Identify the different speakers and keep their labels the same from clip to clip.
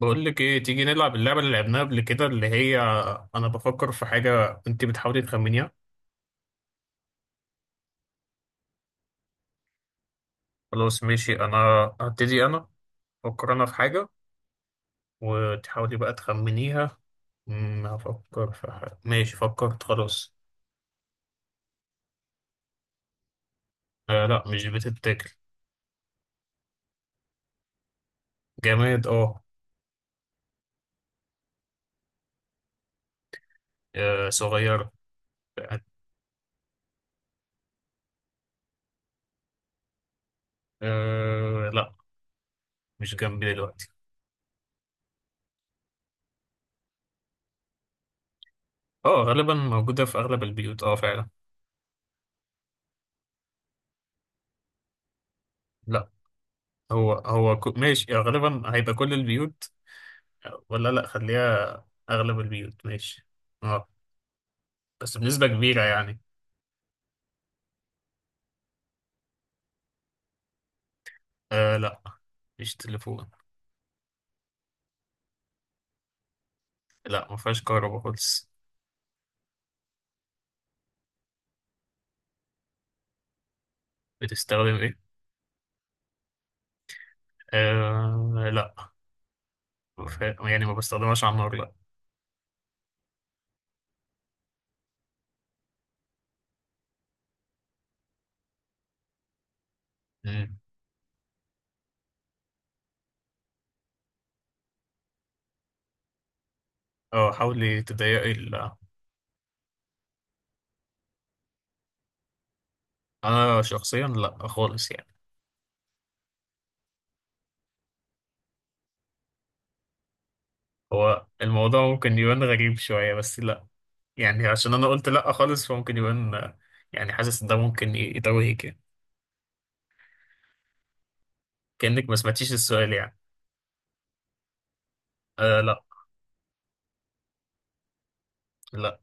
Speaker 1: بقول لك ايه؟ تيجي نلعب اللعبه اللي لعبناها قبل كده، اللي هي انا بفكر في حاجه انت بتحاولي تخمنيها. خلاص ماشي، انا هبتدي. انا افكر في حاجه وتحاولي بقى تخمنيها. هفكر في حاجه. ماشي، فكرت خلاص. آه لا، مش بتتاكل. جماد، اه. آه، صغيره. آه لا، مش جنبي دلوقتي. اه غالبا موجوده في اغلب البيوت، اه فعلا. لا، ماشي آه، غالبا هيبقى كل البيوت. ولا لا، خليها اغلب البيوت ماشي. اه، بس بنسبة كبيرة يعني. آه لا، مفيش تليفون. لا، مفيهاش كهرباء خالص. بتستخدم ايه؟ آه لا، يعني ما بستخدمهاش على النار، لا. مم. اه حاولي تضيقي انا شخصيا لا خالص يعني. هو الموضوع ممكن يبان غريب شوية، بس لا. يعني عشان انا قلت لا خالص فممكن يبان آه، يعني حاسس ان ده ممكن يتوهك يعني. كأنك ما سمعتيش السؤال يعني. آه لا. لا.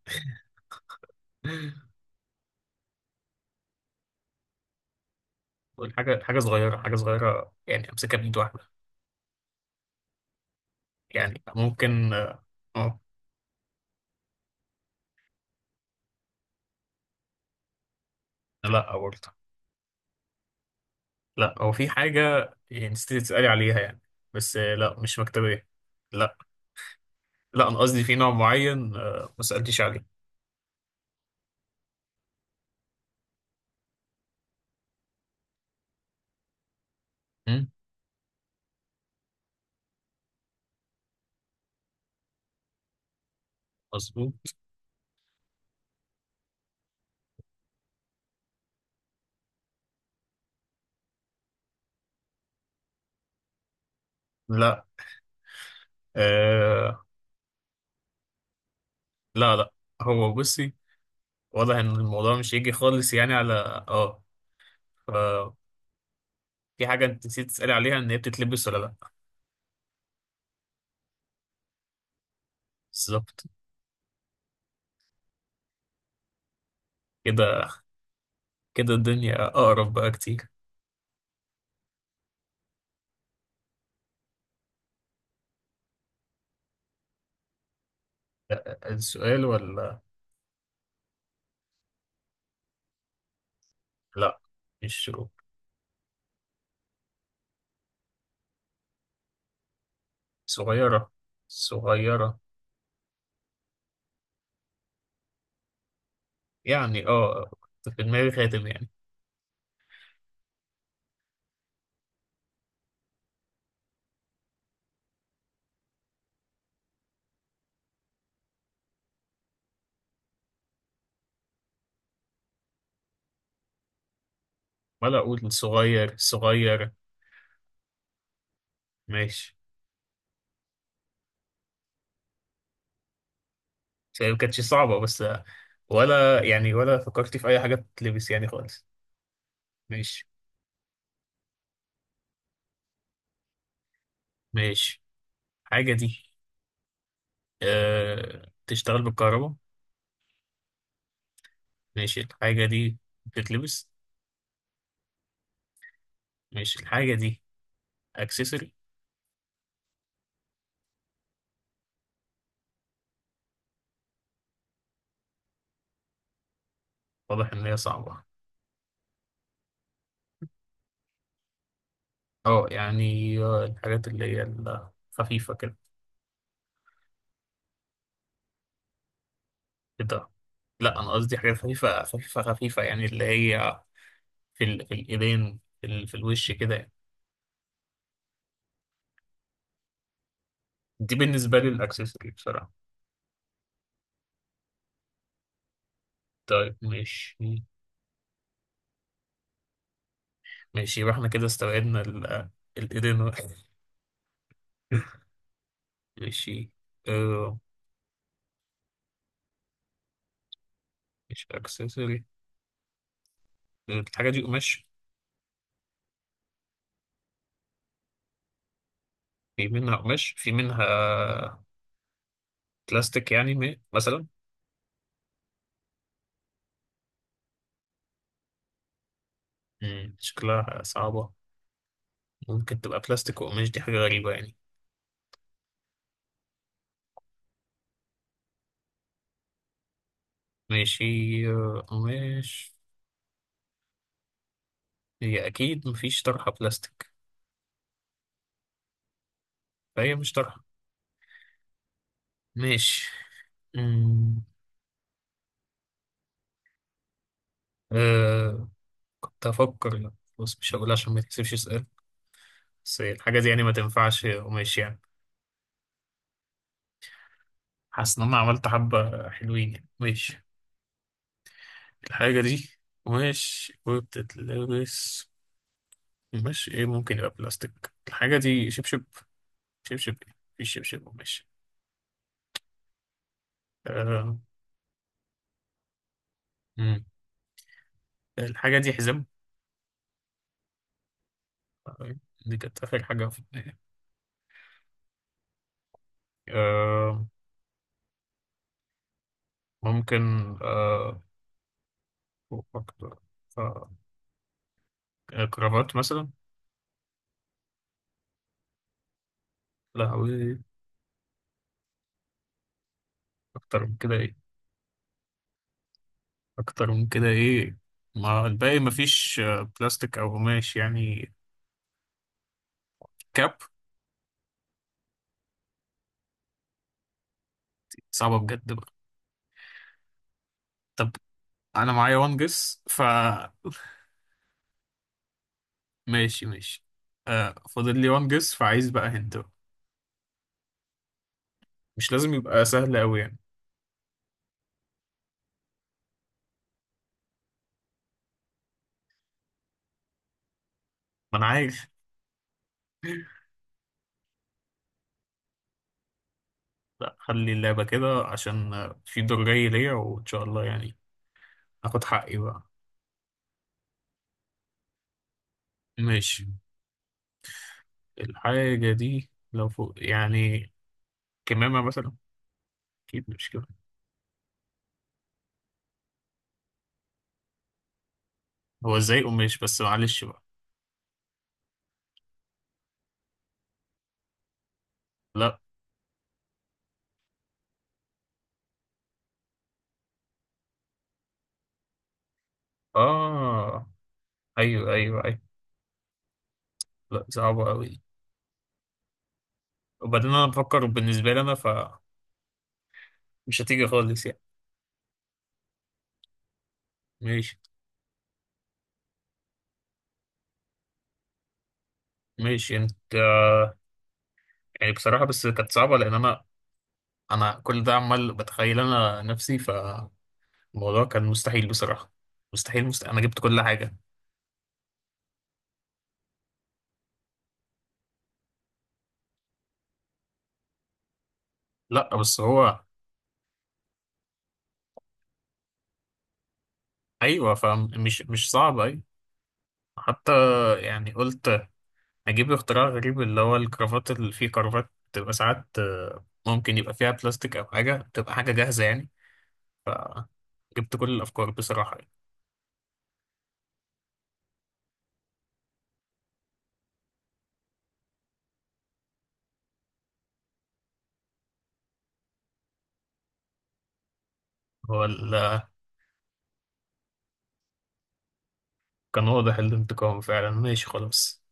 Speaker 1: حاجة حاجة صغيرة، يعني أمسكها بإيد واحدة. يعني ممكن، آه. آه، لا برضه. لا، هو في حاجة يعني نسيت تسألي عليها يعني، بس آه لا، مش مكتبية. لا. لا أنا قصدي في نوع معين آه، ما سألتيش عليه. مم، مظبوط. لا. آه لا. لا. هو بصي، واضح إن الموضوع مش هيجي خالص يعني، على آه. ف- في حاجة أنت نسيت تسألي عليها إن هي بتتلبس ولا لا. بالظبط. كده، كده الدنيا أقرب بقى كتير. لا، السؤال ولا. لا، مش شروب. صغيرة، صغيرة يعني. اه، كنت في دماغي خاتم يعني. ولا أقول صغير صغير. ماشي. بس هي ما كانتش صعبة بس، ولا يعني، ولا فكرت في أي حاجة تتلبس يعني خالص. ماشي. ماشي. الحاجة دي أه تشتغل بالكهرباء؟ ماشي، الحاجة دي بتتلبس. ماشي، الحاجة دي أكسسوري. واضح إن هي صعبة. اه يعني آه، الحاجات اللي هي الخفيفة كده. كده. لا انا قصدي حاجات خفيفه خفيفه خفيفه، يعني اللي هي في ال، في الايدين في، ال، في الوش كده يعني. دي بالنسبه لي الاكسسوري بصراحه. طيب ماشي. ماشي يبقى احنا كده استوعبنا ال، الايدين. ماشي. آه مش اكسسوري. الحاجه دي قماش؟ في منها قماش، في منها بلاستيك يعني مثلا. مم، شكلها صعبه. ممكن تبقى بلاستيك وقماش، دي حاجه غريبه يعني. ماشي آه، قماش. هي اكيد مفيش طرحه بلاستيك، فهي مش طرحه. ماشي. أمم، آه، كنت هفكر لا. بص مش هقول عشان ما تكسبش سؤال. بس الحاجة دي يعني ما تنفعش قماش يعني. حاسس إن أنا عملت حبة حلوين يعني. ماشي، الحاجة دي قماش وبتتلبس. قماش إيه ممكن يبقى بلاستيك؟ الحاجة دي شبشب. شبشب إيه؟ في شبشب قماش؟ آه، أمم، الحاجة دي حزام. آه، دي كانت آخر حاجة في دماغي. آه ممكن، آه، أفكر. آه، كرافات مثلا. لا. اكتر من كده ايه؟ اكتر من كده ايه؟ ما الباقي مفيش آه، بلاستيك او قماش يعني. كاب. صعبة بجد بقى. طب، انا معايا وان جس ف ماشي، ماشي. آه فاضل لي وان جس، فعايز بقى هنت بقى. مش لازم يبقى سهل قوي يعني. ما انا عارف. لا خلي اللعبة كده، عشان آه، في دور جاي ليا، وان شاء الله يعني. اخد حقي بقى. ماشي، الحاجة دي لو فوق يعني كمامة مثلا؟ اكيد مش كده. هو ازاي قماش؟ بس معلش بقى. لا. اه، ايوه ايوه ايوه. لا، صعبة أوي دي. وبعدين أنا بفكر بالنسبة لي أنا، فمش هتيجي خالص يعني. ماشي، ماشي يعني أنت، يعني بصراحة بس كانت صعبة لأن أنا، أنا كل ده عمال بتخيل أنا نفسي فالموضوع. كان مستحيل بصراحة. مستحيل، مستحيل، أنا جبت كل حاجة. لا بس هو، أيوه فمش مش صعب، أيوه. حتى يعني قلت أجيب اختراع غريب، اللي هو الكرافات، اللي فيه كرافات بتبقى ساعات آه، ممكن يبقى فيها بلاستيك أو حاجة، بتبقى حاجة جاهزة يعني. جبت كل الأفكار بصراحة يعني. هو ال، كان واضح الانتقام فعلا. ماشي خلاص.